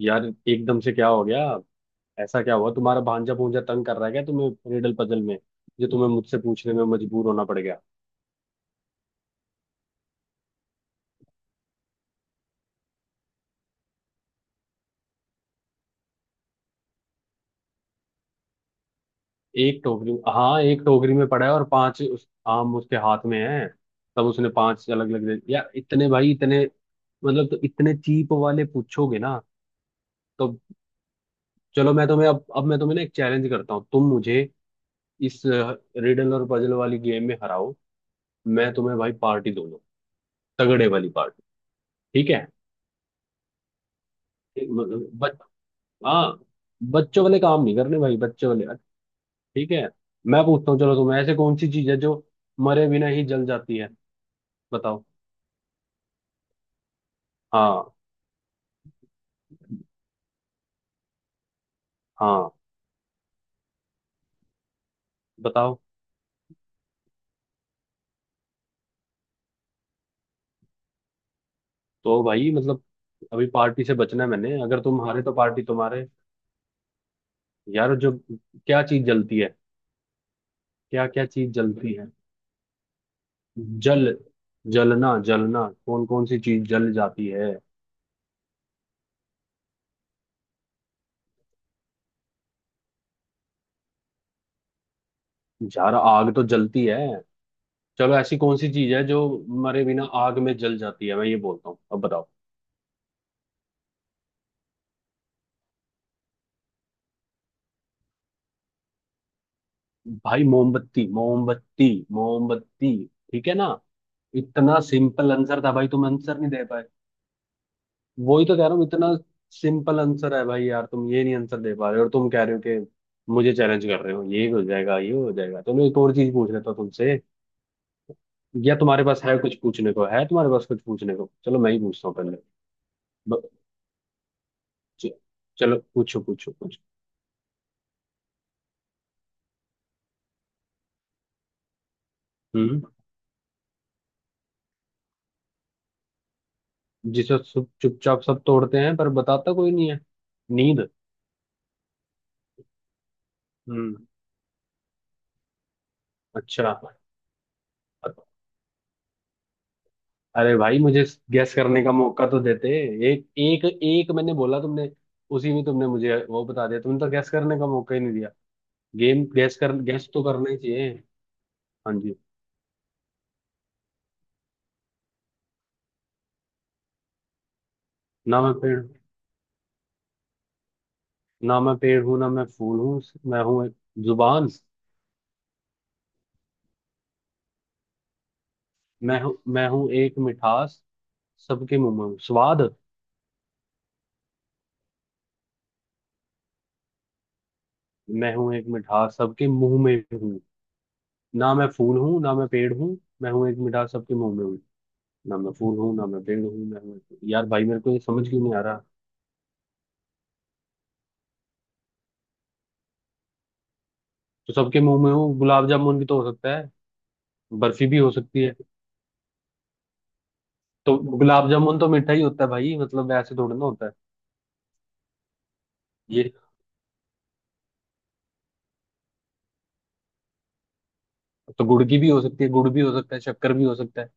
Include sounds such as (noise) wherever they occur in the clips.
यार एकदम से क्या हो गया? ऐसा क्या हुआ? तुम्हारा भांजा भूंजा तंग कर रहा है क्या तुम्हें रिडल पजल में, जो तुम्हें मुझसे पूछने में मजबूर होना पड़ गया? एक टोकरी, हाँ, एक टोकरी में पड़ा है और पांच आम उसके हाथ में है। तब उसने पांच अलग अलग दे। यार इतने भाई, इतने मतलब, तो इतने चीप वाले पूछोगे ना? तो चलो मैं तुम्हें अब मैं तुम्हें ना एक चैलेंज करता हूँ। तुम मुझे इस रिडल और पजल वाली गेम में हराओ, मैं तुम्हें भाई पार्टी दूंगा। तगड़े वाली पार्टी। ठीक है? मतलब, हाँ, बच्चों वाले काम नहीं करने भाई, बच्चों वाले। ठीक है, मैं पूछता हूँ। चलो तुम्हें, ऐसे कौन सी चीज है जो मरे बिना ही जल जाती है? बताओ। हाँ हाँ बताओ। तो भाई मतलब अभी पार्टी से बचना है मैंने। अगर तुम हारे तो पार्टी तुम्हारे। यार जो, क्या चीज जलती है? क्या क्या चीज जलती है? जल, जलना जलना कौन कौन सी चीज जल जाती है? यार आग तो जलती है। चलो, ऐसी कौन सी चीज है जो मरे बिना आग में जल जाती है, मैं ये बोलता हूँ। अब बताओ। भाई मोमबत्ती मोमबत्ती मोमबत्ती। ठीक है ना, इतना सिंपल आंसर था भाई, तुम आंसर नहीं दे पाए। वही तो कह रहा हूँ, इतना सिंपल आंसर है भाई, यार तुम ये नहीं आंसर दे पा रहे हो, और तुम कह रहे हो कि मुझे चैलेंज कर रहे हो, ये हो जाएगा ये हो जाएगा। चलो एक और चीज पूछ लेता हूँ तुमसे। या तुम्हारे पास है कुछ पूछने को? है तुम्हारे पास कुछ पूछने को? चलो मैं ही पूछता हूँ पहले। ब- च- चलो पूछो पूछो पूछो। हम्म। जिसे सब चुपचाप सब तोड़ते हैं पर बताता कोई नहीं है। नींद। हम्म। अच्छा। अरे भाई मुझे गेस करने का मौका तो देते। एक एक एक मैंने बोला, तुमने उसी में तुमने मुझे वो बता दिया, तुमने तो गैस करने का मौका ही नहीं दिया। गेम, गैस कर, गैस तो करना ही चाहिए। हाँ जी। ना मैं पेड़, ना मैं पेड़ हूँ ना मैं फूल हूँ। मैं हूँ एक जुबान। मैं हूँ, मैं हूँ एक मिठास सबके मुंह में हूँ। स्वाद। मैं हूँ एक मिठास सबके मुंह में हूँ। ना मैं फूल हूँ ना मैं पेड़ हूँ, मैं हूँ एक मिठास सबके मुंह में हूँ। ना मैं फूल हूँ ना मैं पेड़ हूँ, मैं हूँ। यार भाई मेरे को ये समझ क्यों नहीं आ रहा? तो सबके मुंह में हो, गुलाब जामुन भी तो हो सकता है, बर्फी भी हो सकती है। तो गुलाब जामुन तो मीठा ही होता है भाई, मतलब ऐसे थोड़ी ना होता है ये। तो गुड़ की भी हो सकती है, गुड़ भी हो सकता है, शक्कर भी हो सकता है।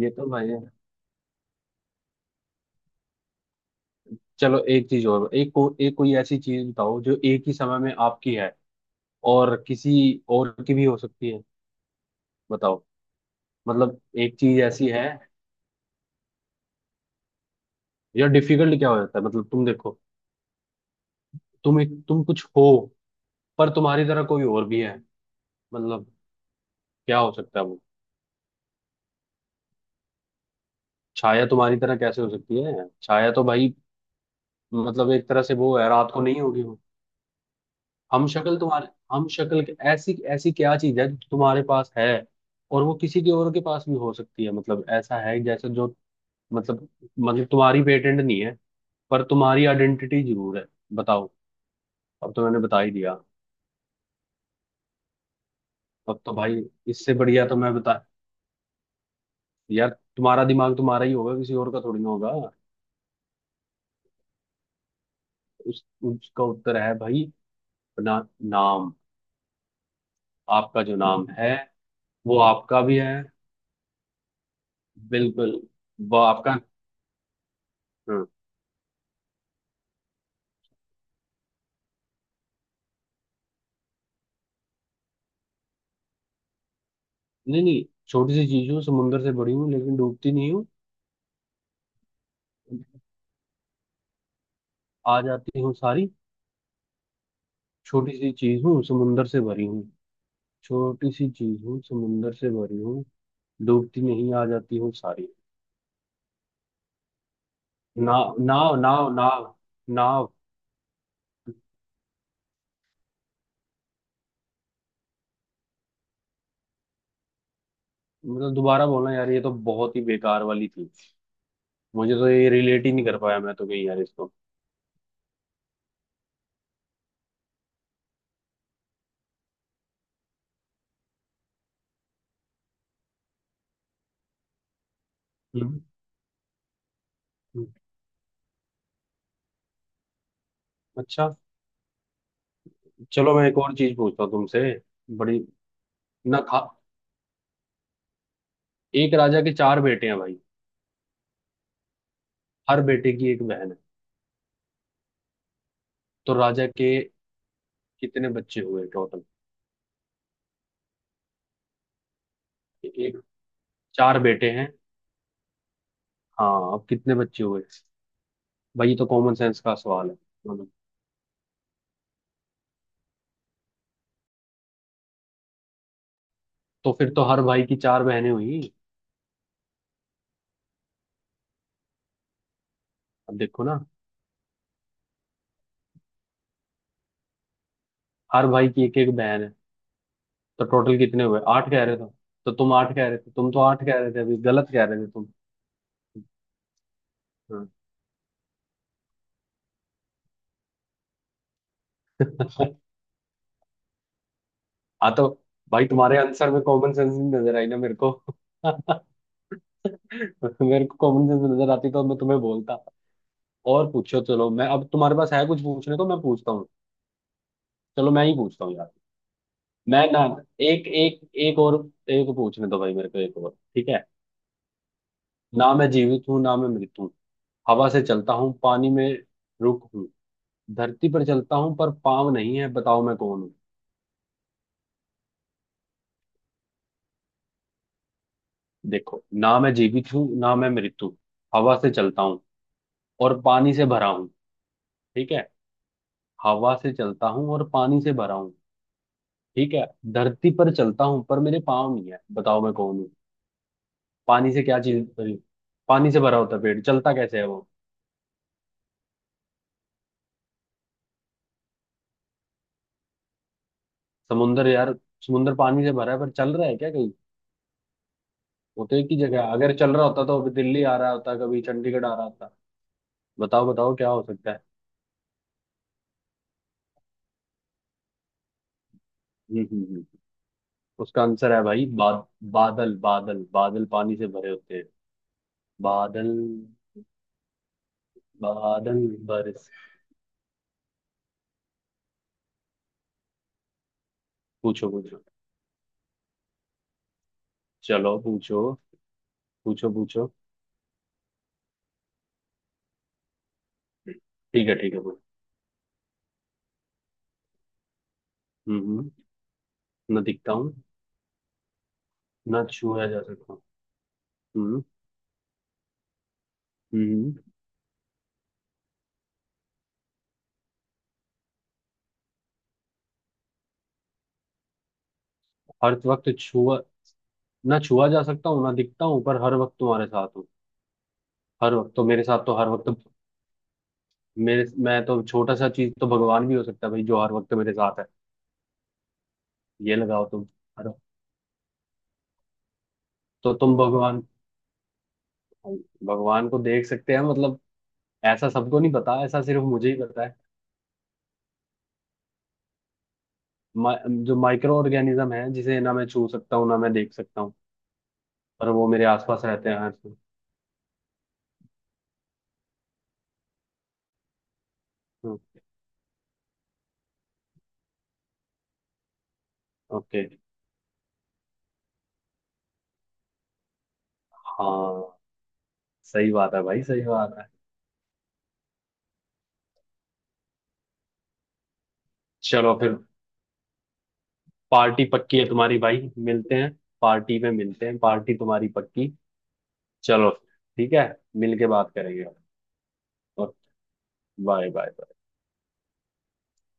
ये तो भाई है। चलो एक चीज और, एक को एक कोई ऐसी चीज बताओ जो एक ही समय में आपकी है और किसी और की भी हो सकती है। बताओ। मतलब एक चीज ऐसी है, यार डिफिकल्ट क्या हो जाता है मतलब? तुम देखो, तुम एक, तुम कुछ हो, पर तुम्हारी तरह कोई और भी है। मतलब क्या हो सकता है वो? छाया तुम्हारी तरह कैसे हो सकती है? छाया तो भाई मतलब एक तरह से वो है, रात को नहीं होगी वो। हम शक्ल, तुम्हारे हम शक्ल के? ऐसी ऐसी क्या चीज है जो तुम्हारे पास है और वो किसी के और के पास भी हो सकती है? मतलब ऐसा है जैसे जो, मतलब, मतलब तुम्हारी पेटेंट नहीं है पर तुम्हारी आइडेंटिटी जरूर है। बताओ। अब तो मैंने बता ही दिया, अब तो भाई इससे बढ़िया तो मैं बता, यार तुम्हारा दिमाग तुम्हारा ही होगा, किसी और का थोड़ी ना होगा। उस उसका उत्तर है भाई ना, नाम। आपका जो नाम है वो आपका भी है। बिल्कुल। वो आपका। हाँ। नहीं नहीं, छोटी सी चीज हूँ, समुंदर से बड़ी हूँ, लेकिन डूबती नहीं हूँ, आ जाती हूँ सारी। छोटी सी चीज हूँ समुंदर से भरी हूँ। छोटी सी चीज हूँ समुंदर से भरी हूँ, डूबती नहीं, आ जाती हूँ सारी। नाव नाव, नाव। मतलब दोबारा बोलना यार, ये तो बहुत ही बेकार वाली थी। मुझे तो ये रिलेट ही नहीं कर पाया, मैं तो कहीं यार इसको। हम्म। हम्म। अच्छा, चलो मैं एक और चीज पूछता हूँ तुमसे। बड़ी ना खा। एक राजा के चार बेटे हैं भाई, हर बेटे की एक बहन है। तो राजा के कितने बच्चे हुए टोटल? एक, चार बेटे हैं, हाँ, अब कितने बच्चे हुए? भाई ये तो कॉमन सेंस का सवाल है। मतलब, तो फिर तो हर भाई की चार बहनें हुई। अब देखो ना, हर भाई की एक एक बहन है, तो टोटल कितने हुए? आठ कह रहे थे, तो तुम आठ कह रहे थे, तुम तो आठ कह रहे थे, अभी गलत कह रहे थे तुम। हाँ। (laughs) हाँ, तो भाई तुम्हारे आंसर में कॉमन सेंस नहीं नजर आई ना मेरे को। (laughs) मेरे को कॉमन सेंस नजर आती तो मैं तुम्हें बोलता। और पूछो, चलो, मैं अब, तुम्हारे पास है कुछ पूछने को, मैं पूछता हूँ। चलो मैं ही पूछता हूँ यार। मैं ना, एक एक एक और एक पूछने दो भाई मेरे को, एक और। ठीक है। ना मैं जीवित हूँ ना मैं मृत हूँ, हवा से चलता हूँ, पानी में रुक हूँ, धरती पर चलता हूँ पर पाँव नहीं है, बताओ मैं कौन हूँ? देखो, ना मैं जीवित हूँ ना मैं मृत हूँ, हवा से चलता हूँ और पानी से भरा हूँ, ठीक है? हवा से चलता हूँ और पानी से भरा हूँ, ठीक है? धरती पर चलता हूँ पर मेरे पाँव नहीं है, बताओ मैं कौन हूँ? पानी से क्या चीज, पानी से भरा होता है पेड़, चलता कैसे है वो? समुंदर? यार समुंदर पानी से भरा है पर चल रहा है क्या कहीं? वो तो एक ही जगह है। अगर चल रहा होता तो अभी दिल्ली आ रहा होता, कभी चंडीगढ़ आ रहा होता। बताओ बताओ क्या हो सकता है? हम्म हम्म हम्म। उसका आंसर है भाई, बाद, बादल बादल बादल, पानी से भरे होते हैं बादल। बादल, बारिश। पूछो पूछो। चलो पूछो पूछो पूछो। ठीक है ठीक है, बोलो। हम्म। हम्म। न दिखता हूँ, न छुआ जा सकता हूँ। हम्म हम्म हम्म। हर वक्त छुआ, ना छुआ जा सकता हूँ ना दिखता हूँ पर हर वक्त तुम्हारे साथ हूँ। हर वक्त तो मेरे साथ, तो हर वक्त मेरे, मैं तो छोटा सा चीज तो भगवान भी हो सकता है भाई जो हर वक्त मेरे साथ है। ये लगाओ तुम, हर, तो तुम भगवान, भगवान को देख सकते हैं मतलब, ऐसा सबको नहीं पता, ऐसा सिर्फ मुझे ही पता है। जो माइक्रो ऑर्गेनिज्म है जिसे ना मैं छू सकता हूँ ना मैं देख सकता हूँ, पर वो मेरे आसपास रहते हैं हर। हम्म, ओके। हाँ सही बात है भाई, सही बात है। चलो फिर, पार्टी पक्की है तुम्हारी भाई, मिलते हैं। पार्टी में मिलते हैं, पार्टी तुम्हारी पक्की। चलो ठीक है। मिल के बात करेंगे। और, बाय बाय।